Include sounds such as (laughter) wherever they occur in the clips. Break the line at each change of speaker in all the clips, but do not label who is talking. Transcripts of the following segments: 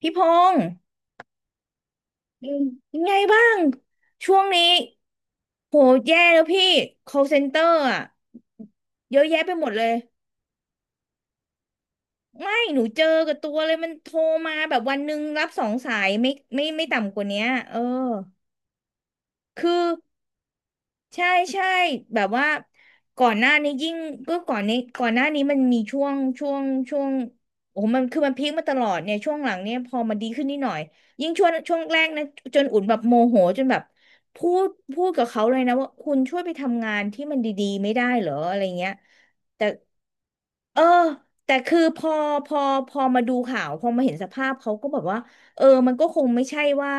พี่พงษ์อืมยังไงบ้างช่วงนี้โหแย่แล้วพี่ call center อ่ะเยอะแยะไปหมดเลยไม่หนูเจอกับตัวเลยมันโทรมาแบบวันหนึ่งรับสองสายไม่ต่ำกว่าเนี้ยเออคือ ใช่ใช่แบบว่าก่อนหน้านี้ยิ่งก็ก่อนนี้ก่อนหน้านี้มันมีช่วงช่วงโอ้โหมันคือมันพีคมาตลอดเนี่ยช่วงหลังเนี่ยพอมันดีขึ้นนิดหน่อยยิ่งช่วงแรกนะจนอุ่นแบบโมโหจนแบบพูดพูดกับเขาเลยนะว่าคุณช่วยไปทำงานที่มันดีๆไม่ได้เหรออะไรเงี้ยแต่เออแต่คือพอพอมาดูข่าวพอมาเห็นสภาพเขาก็แบบว่าเออมันก็คงไม่ใช่ว่า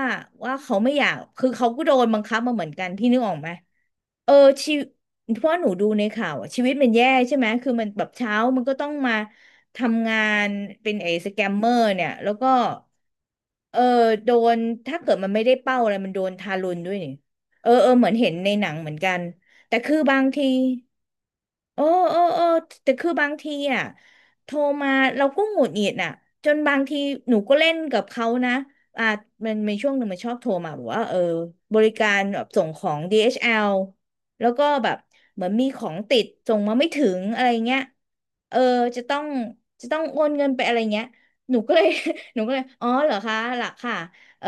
ว่าเขาไม่อยากคือเขาก็โดนบังคับมาเหมือนกันพี่นึกออกไหม เออชีวตเพราะหนูดูในข่าวอะชีวิตมันแย่ใช่ไหมคือมันแบบเช้ามันก็ต้องมาทำงานเป็นไอ้สแกมเมอร์เนี่ยแล้วก็เออโดนถ้าเกิดมันไม่ได้เป้าอะไรมันโดนทารุณด้วยนี่เออเหมือนเห็นในหนังเหมือนกันแต่คือบางที เออเออแต่คือบางทีอ่ะโทรมาเราก็หงุดหงิดอ่ะจนบางทีหนูก็เล่นกับเขานะอ่ามันมีช่วงหนึ่งมันชอบโทรมาบอกว่าเออบริการแบบส่งของ DHL แอลแล้วก็แบบเหมือนมีของติดส่งมาไม่ถึงอะไรเงี้ยเออจะต้องจะต้องโอนเงินไปอะไรเงี้ยหนูก็เลย (laughs) หนูก็เลยอ๋อเหรอคะหลักค่ะเออ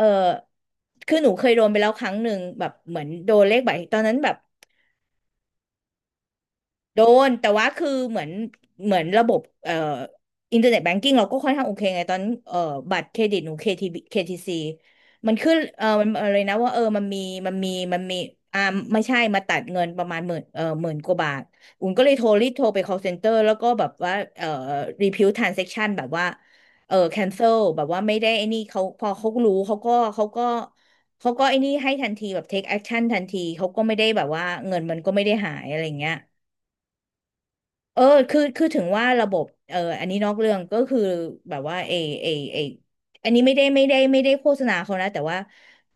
คือหนูเคยโดนไปแล้วครั้งหนึ่งแบบเหมือนโดนเลขบัตรตอนนั้นแบบ โดนแต่ว่าคือเหมือนระบบอินเทอร์เน็ตแบงกิ้งเราก็ค่อนข้างโอเคไงตอนบัตรเครดิตหนูเคที t c มันขึ้นมันอะไรนะว่าเออมันมีมันมีอ่าไม่ใช่มาตัดเงินประมาณหมื่นหมื่นกว่าบาทอุ่นก็เลยโทรรีบโทรไป call center แล้วก็แบบว่าrefuse transaction แบบว่าเออ cancel แบบว่าไม่ได้ไอ้นี่เขาพอเขารู้เขาก็ไอ้นี่ให้ทันทีแบบ take action ทันทีเขาก็ไม่ได้แบบว่าเงินมันก็ไม่ได้หายอะไรเงี้ย เออคือถึงว่าระบบเอออันนี้นอกเรื่องก็คือแบบว่าเอเอเออันนี้ไม่ได้โฆษณาเขานะแต่ว่า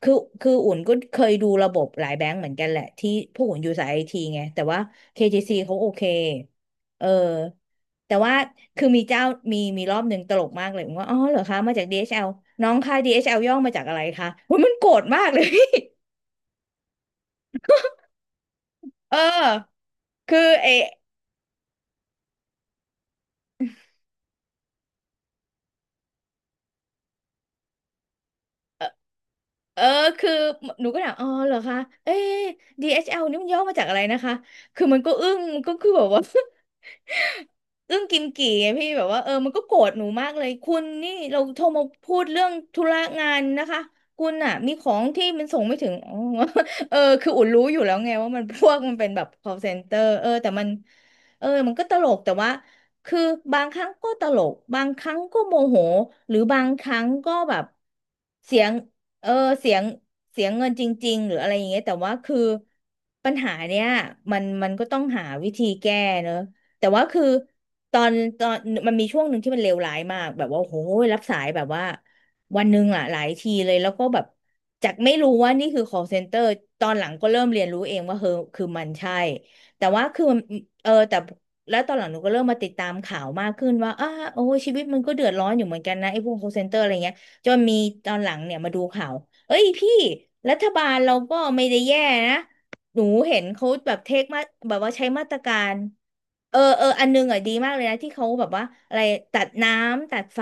คือคืออุ่นก็เคยดูระบบหลายแบงก์เหมือนกันแหละที่พวกอุ่นอยู่สายไอทีไงแต่ว่า KTC เขาโอเคเออแต่ว่าคือมีเจ้ามีรอบหนึ่งตลกมากเลยผมว่าอ๋อเหรอคะมาจาก DHL น้องค่ะ DHL ย่อมาจากอะไรคะโอ้ยมันโกรธมากเลย (laughs) เออคือเอ เออคือหนูก็ถามอ๋อเหรอคะเอ๊ะ d อชแอลนี่มันย่อมาจากอะไรนะคะคือมันก็อึ้งก็คือแบบว่า (laughs) เรื่องกิมกี่ไงพี่แบบว่าเออมันก็โกรธหนูมากเลยคุณนี่เราโทรมาพูดเรื่องธุระงานนะคะคุณอ่ะมีของที่มันส่งไม่ถึงอ๋อ (laughs) เออคืออุ่นรู้อยู่แล้วไงว่ามัน (laughs) พวกมันเป็นแบบ call center เออแต่มันเออมันก็ตลกแต่ว่าคือบางครั้งก็ตลกบางครั้งก็โมโหหรือบางครั้งก็แบบเสียงเออเสียงเสียงเงินจริงๆหรืออะไรอย่างเงี้ยแต่ว่าคือปัญหาเนี้ยมันก็ต้องหาวิธีแก้เนอะ แต่ว่าคือตอนตอนมันมีช่วงหนึ่งที่มันเลวร้ายมากแบบว่าโอ้โหรับสายแบบว่าวันหนึ่งอ่ะหลายทีเลยแล้วก็แบบจากไม่รู้ว่านี่คือ call center ตอนหลังก็เริ่มเรียนรู้เองว่าเออคือมันใช่แต่ว่าคือมันเออแต่แล้วตอนหลังหนูก็เริ่มมาติดตามข่าวมากขึ้นว่าอ้าโอ้ยชีวิตมันก็เดือดร้อนอยู่เหมือนกันนะไอ้พวก call center อะไรเงี้ยจนมีตอนหลังเนี่ยมาดูข่าวเอ้ยพี่รัฐบาลเราก็ไม่ได้แย่นะ หนูเห็นเขาแบบเทคมาแบบว่าใช้มาตรการเอออันนึงอ่ะดีมากเลยนะที่เขาแบบว่าอะไรตัดน้ำตัดไฟ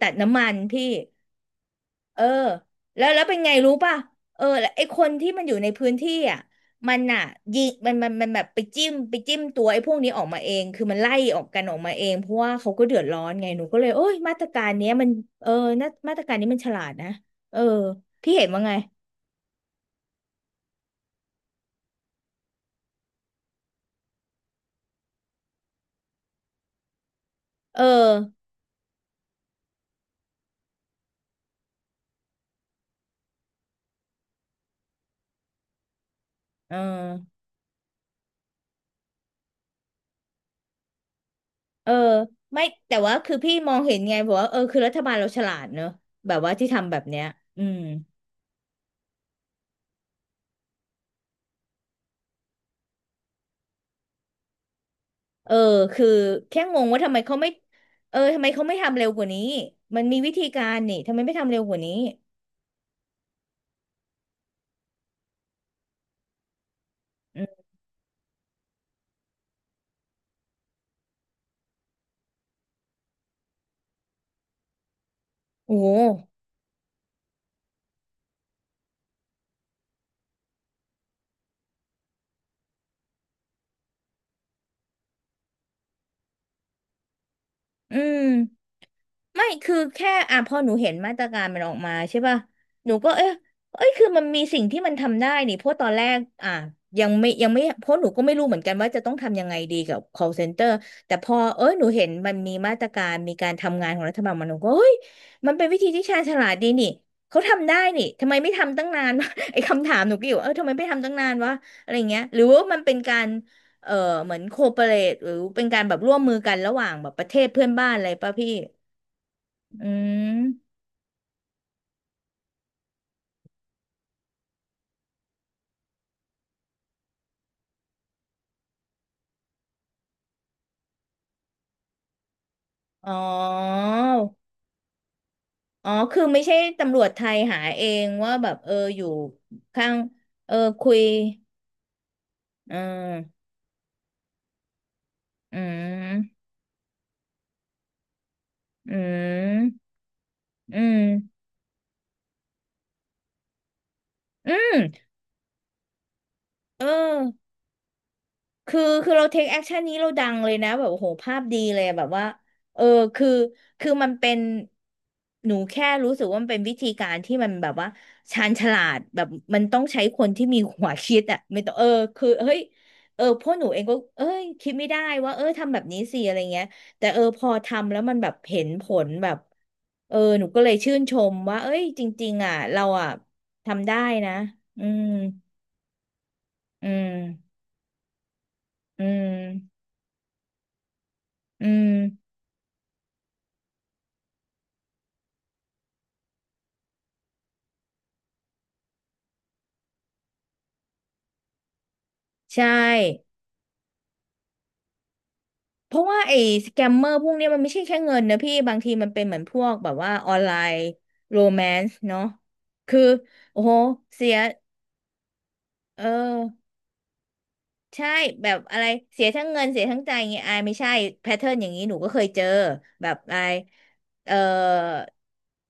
ตัดน้ำมันพี่เออแล้วเป็นไงรู้ป่ะเออแล้วไอ้คนที่มันอยู่ในพื้นที่อ่ะมันอ่ะยิงมันแบบไปจิ้มตัวไอ้พวกนี้ออกมาเองคือมันไล่ออกกันออกมาเองเพราะว่าเขาก็เดือดร้อนไงหนูก็เลยโอ้ยมาตรการเนี้ยมันเออนามาตรการนี้มันฉลาดนะเออพี่เห็นว่าไงเออเออ เออไม่แต่ว่าคือพี่มองเห็นไงบอกว่าเออคือรัฐบาลเราฉลาดเนอะแบบว่าที่ทำแบบเนี้ยอืมเออคือแค่งงว่าทำไมเขาไม่เออทำไมเขาไม่ทำเร็วกว่านี้มันมีวิธีการนี่ทำไมไม่ทำเร็วกว่านี้อืมโอ้โหอืม ไม่คือแค่อ่ะพอหนูเห็นมาตรการมันออกมาใช่ป่ะหนูก็เอ๊ะเอ้ยคือมันมีสิ่งที่มันทำได้นี่เพราะตอนแรกอ่ะยังไม่เพราะหนูก็ไม่รู้เหมือนกันว่าจะต้องทำยังไงดีกับ call center แต่พอเอ้ยหนูเห็นมันมีมาตรการมีการทำงานของรัฐบาลมันหนูก็เฮ้ยมันเป็นวิธีที่ชาญฉลาดดีนี่เขาทำได้นี่ทำไมไม่ทำตั้งนาน (laughs) ไอ้คำถามหนูก็อยู่ว่าเออทำไมไม่ทำตั้งนานวะอะไรเงี้ยหรือว่ามันเป็นการเออเหมือนโคเปเรทหรือเป็นการแบบร่วมมือกันระหว่างแบบประเทศเพื่อนบ้านอะไรป่ะพี่ อืม อ๋อ อ๋อคือไม่ใช่ตำรวจไทยหาเองว่าแบบเอออยู่ข้างเออคุยเอออืม อืม อืม อืมเออ คือคือเราเทคแอคชั่นนี้เราดังเลยนะแบบโอ้โหภาพดีเลยแบบว่าเออคือคือมันเป็นหนูแค่รู้สึกว่ามันเป็นวิธีการที่มันแบบว่าชาญฉลาดแบบมันต้องใช้คนที่มีหัวคิดอ่ะไม่ต้องเออคือเฮ้ยเออพวกหนูเองก็เอ้ยคิดไม่ได้ว่าเออทำแบบนี้สิอะไรเงี้ยแต่เออพอทำแล้วมันแบบเห็นผลแบบเออหนูก็เลยชื่นชมว่าเอ้ยจริงๆอ่ะเราอ่ะทำได้นะอืมอืมอืมอืม ใช่ เพราะว่าไอ้สแกมเมอร์พวกเนี้ยมันไม่ใช่แค่เงินนะพี่ บางทีมันเป็นเหมือนพวกแบบว่าออนไลน์โรแมนซ์เนาะคือโอ้โหเสียเออ ใช่แบบอะไรเสียทั้งเงินเสียทั้งใจอย่างเงี้ยอายไม่ใช่แพทเทิร์นอย่างนี้หนูก็เคยเจอแบบอายเออ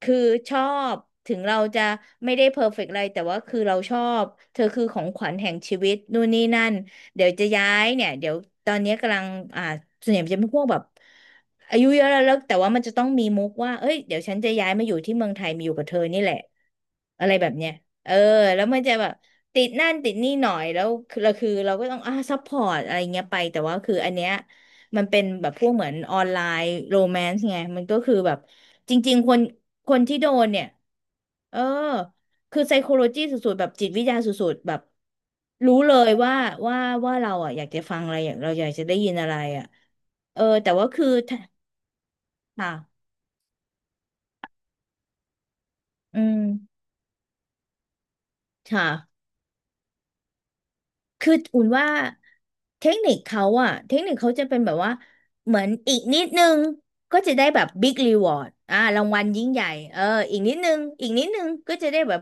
คือชอบถึงเราจะไม่ได้เพอร์เฟกต์อะไรแต่ว่าคือเราชอบเธอคือของขวัญแห่งชีวิตนู่นนี่นั่นเดี๋ยวจะย้ายเนี่ยเดี๋ยวตอนเนี้ยกำลังอ่าส่วนใหญ่มันจะเป็นพวกแบบอายุเยอะแล้วแล้วแต่ว่ามันจะต้องมีมุกว่าเอ้ยเดี๋ยวฉันจะย้ายมาอยู่ที่เมืองไทยมาอยู่กับเธอนี่แหละอะไรแบบเนี้ยเออแล้วมันจะแบบ ติดนั่นติดนี่หน่อยแล้วคือเราก็ต้องอ่าซัพพอร์ตอะไรเงี้ยไปแต่ว่าคืออันเนี้ยมันเป็นแบบพวกเหมือนออนไลน์โรแมนซ์ไงมันก็คือแบบจริงๆคนคนที่โดนเนี่ยเออคือไซโคโลจีสุดๆแบบจิตวิทยาสุดๆแบบรู้เลยว่าว่าเราอ่ะอยากจะฟังอะไรอยากเราอยากจะได้ยินอะไรอ่ะเออแต่ว่าคือถ้าค่ะอืมค่ะ คืออุ่นว่าเทคนิคเขาอะเทคนิคเขาจะเป็นแบบว่าเหมือนอีกนิดนึงก็จะได้แบบบิ๊กรีวอร์ดอ่ารางวัลยิ่งใหญ่เอออีกนิดนึงอีกนิดนึงก็จะได้แบบ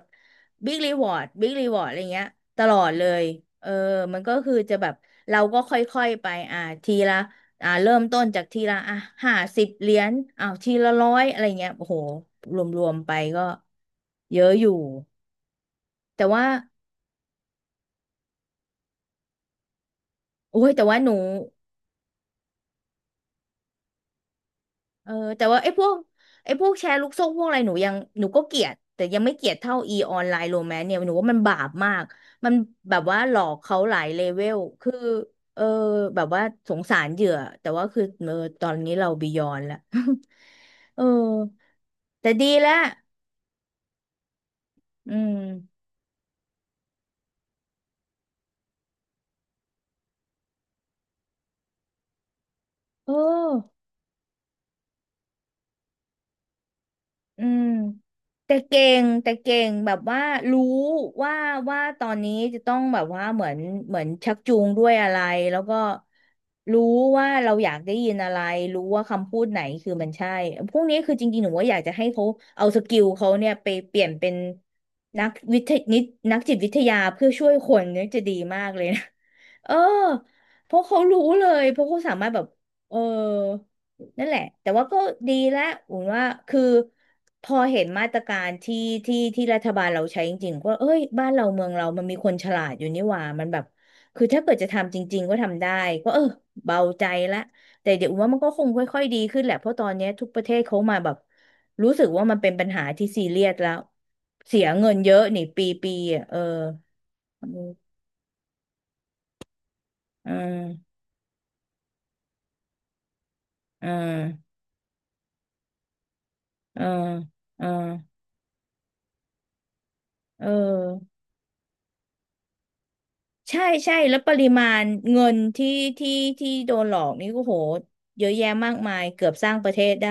บิ๊กรีวอร์ดบิ๊กรีวอร์ดอะไรเงี้ยตลอดเลยเออมันก็คือจะแบบเราก็ค่อยๆไปอ่าทีละอ่าเริ่มต้นจากทีละอ่ะ50 เหรียญอ้าวทีละ100อะไรเงี้ยโอ้โหรวมๆไปก็เยอะอยู่แต่ว่าโอ้ยแต่ว่าหนู เออแต่ว่าไอ้พวกไอ้พวกแชร์ลูกโซ่พวกอะไรหนูยังหนูก็เกลียดแต่ยังไม่เกลียดเท่าอีออนไลน์โรแมนเนี่ยหนูว่ามันบาปมากมันแบบว่าหลอกเขาหลายเลเวลคือเออแบบว่าสงสารเหยื่อแต่ว่าคือเออตอนนี้เราบียอนแล้ว (laughs) เออแต่ดีแล้วอืมเออ อืมแต่เก่งแบบว่ารู้ว่าว่าตอนนี้จะต้องแบบว่าเหมือนชักจูงด้วยอะไรแล้วก็รู้ว่าเราอยากได้ยินอะไรรู้ว่าคำพูดไหนคือมันใช่พวกนี้คือจริงๆหนูว่าอยากจะให้เขาเอาสกิลเขาเนี่ยไปเปลี่ยนเป็นนักวิทยนินักจิตวิทยาเพื่อช่วยคนเนี่ยจะดีมากเลยนะ (laughs) เออเพราะเขารู้เลยเพราะเขาสามารถแบบเออ นั่นแหละแต่ว่าก็ดีแล้วอุนว่าคือพอเห็นมาตรการที่ที่รัฐบาลเราใช้จริงๆว่าเอ้ยบ้านเราเมืองเรามันมีคนฉลาดอยู่นี่หว่ามันแบบคือถ้าเกิดจะทำจริงๆก็ทำได้ก็เออเบาใจละแต่เดี๋ยวอุนว่ามันก็คงค่อยๆดีขึ้นแหละเพราะตอนเนี้ยทุกประเทศเขามาแบบรู้สึกว่ามันเป็นปัญหาที่ซีเรียสแล้วเสียเงินเยอะนี่ปีปีอ่ะเอออืมอืมอืมอืมเออ ใช่ใช่แล้วปริมาณเงินที่ที่ที่โดนหลอกนี่ก็โหเยอะแยะมากมายเกือบสร้างประเทศได้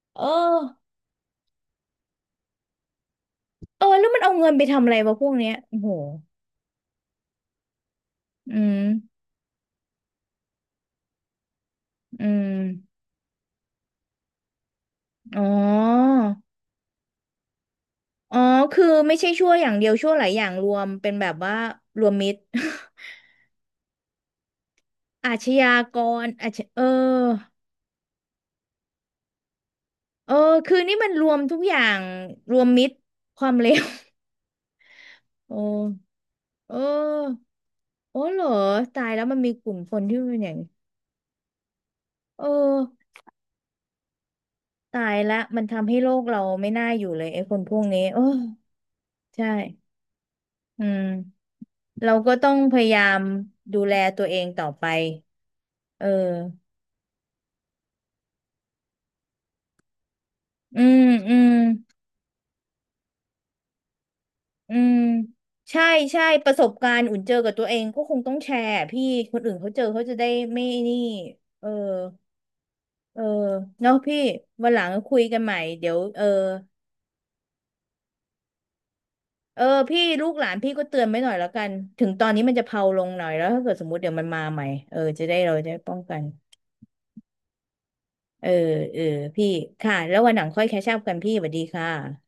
(laughs) เออเออเออแล้วมันเอาเงินไปทำอะไรวะพวกเนี้ยโอ้โหอืมอืมอ๋ออ๋อคือไม่ใช่ชั่วอย่างเดียวชั่วหลายอย่างรวมเป็นแบบว่ารวมมิตร (laughs) อาชญากรอาชเออเออคือนี่มันรวมทุกอย่างรวมมิตรความเลว (laughs) โอ้เออ โอ้เหรอตายแล้วมันมีกลุ่มคนที่เป็นอย่างนี้เออตายละมันทำให้โลกเราไม่น่าอยู่เลยไอ้คนพวกนี้โอ้ใช่อืมเราก็ต้องพยายามดูแลตัวเองต่อไปเอออืมอืมอืมใช่ใช่ประสบการณ์อุ่นเจอกับตัวเองก็คงต้องแชร์พี่คนอื่นเขาเจอเขาจะได้ไม่นี่เออเออเนาะพี่วันหลังคุยกันใหม่เดี๋ยวเออ เออพี่ลูกหลานพี่ก็เตือนไว้หน่อยแล้วกันถึงตอนนี้มันจะเพลาลงหน่อยแล้วถ้าเกิดสมมติเดี๋ยวมันมาใหม่เออจะได้เราจะได้ป้องกันเออเออพี่ค่ะแล้ววันหลังค่อยแคชอัพกันพี่สวัสดีค่ะ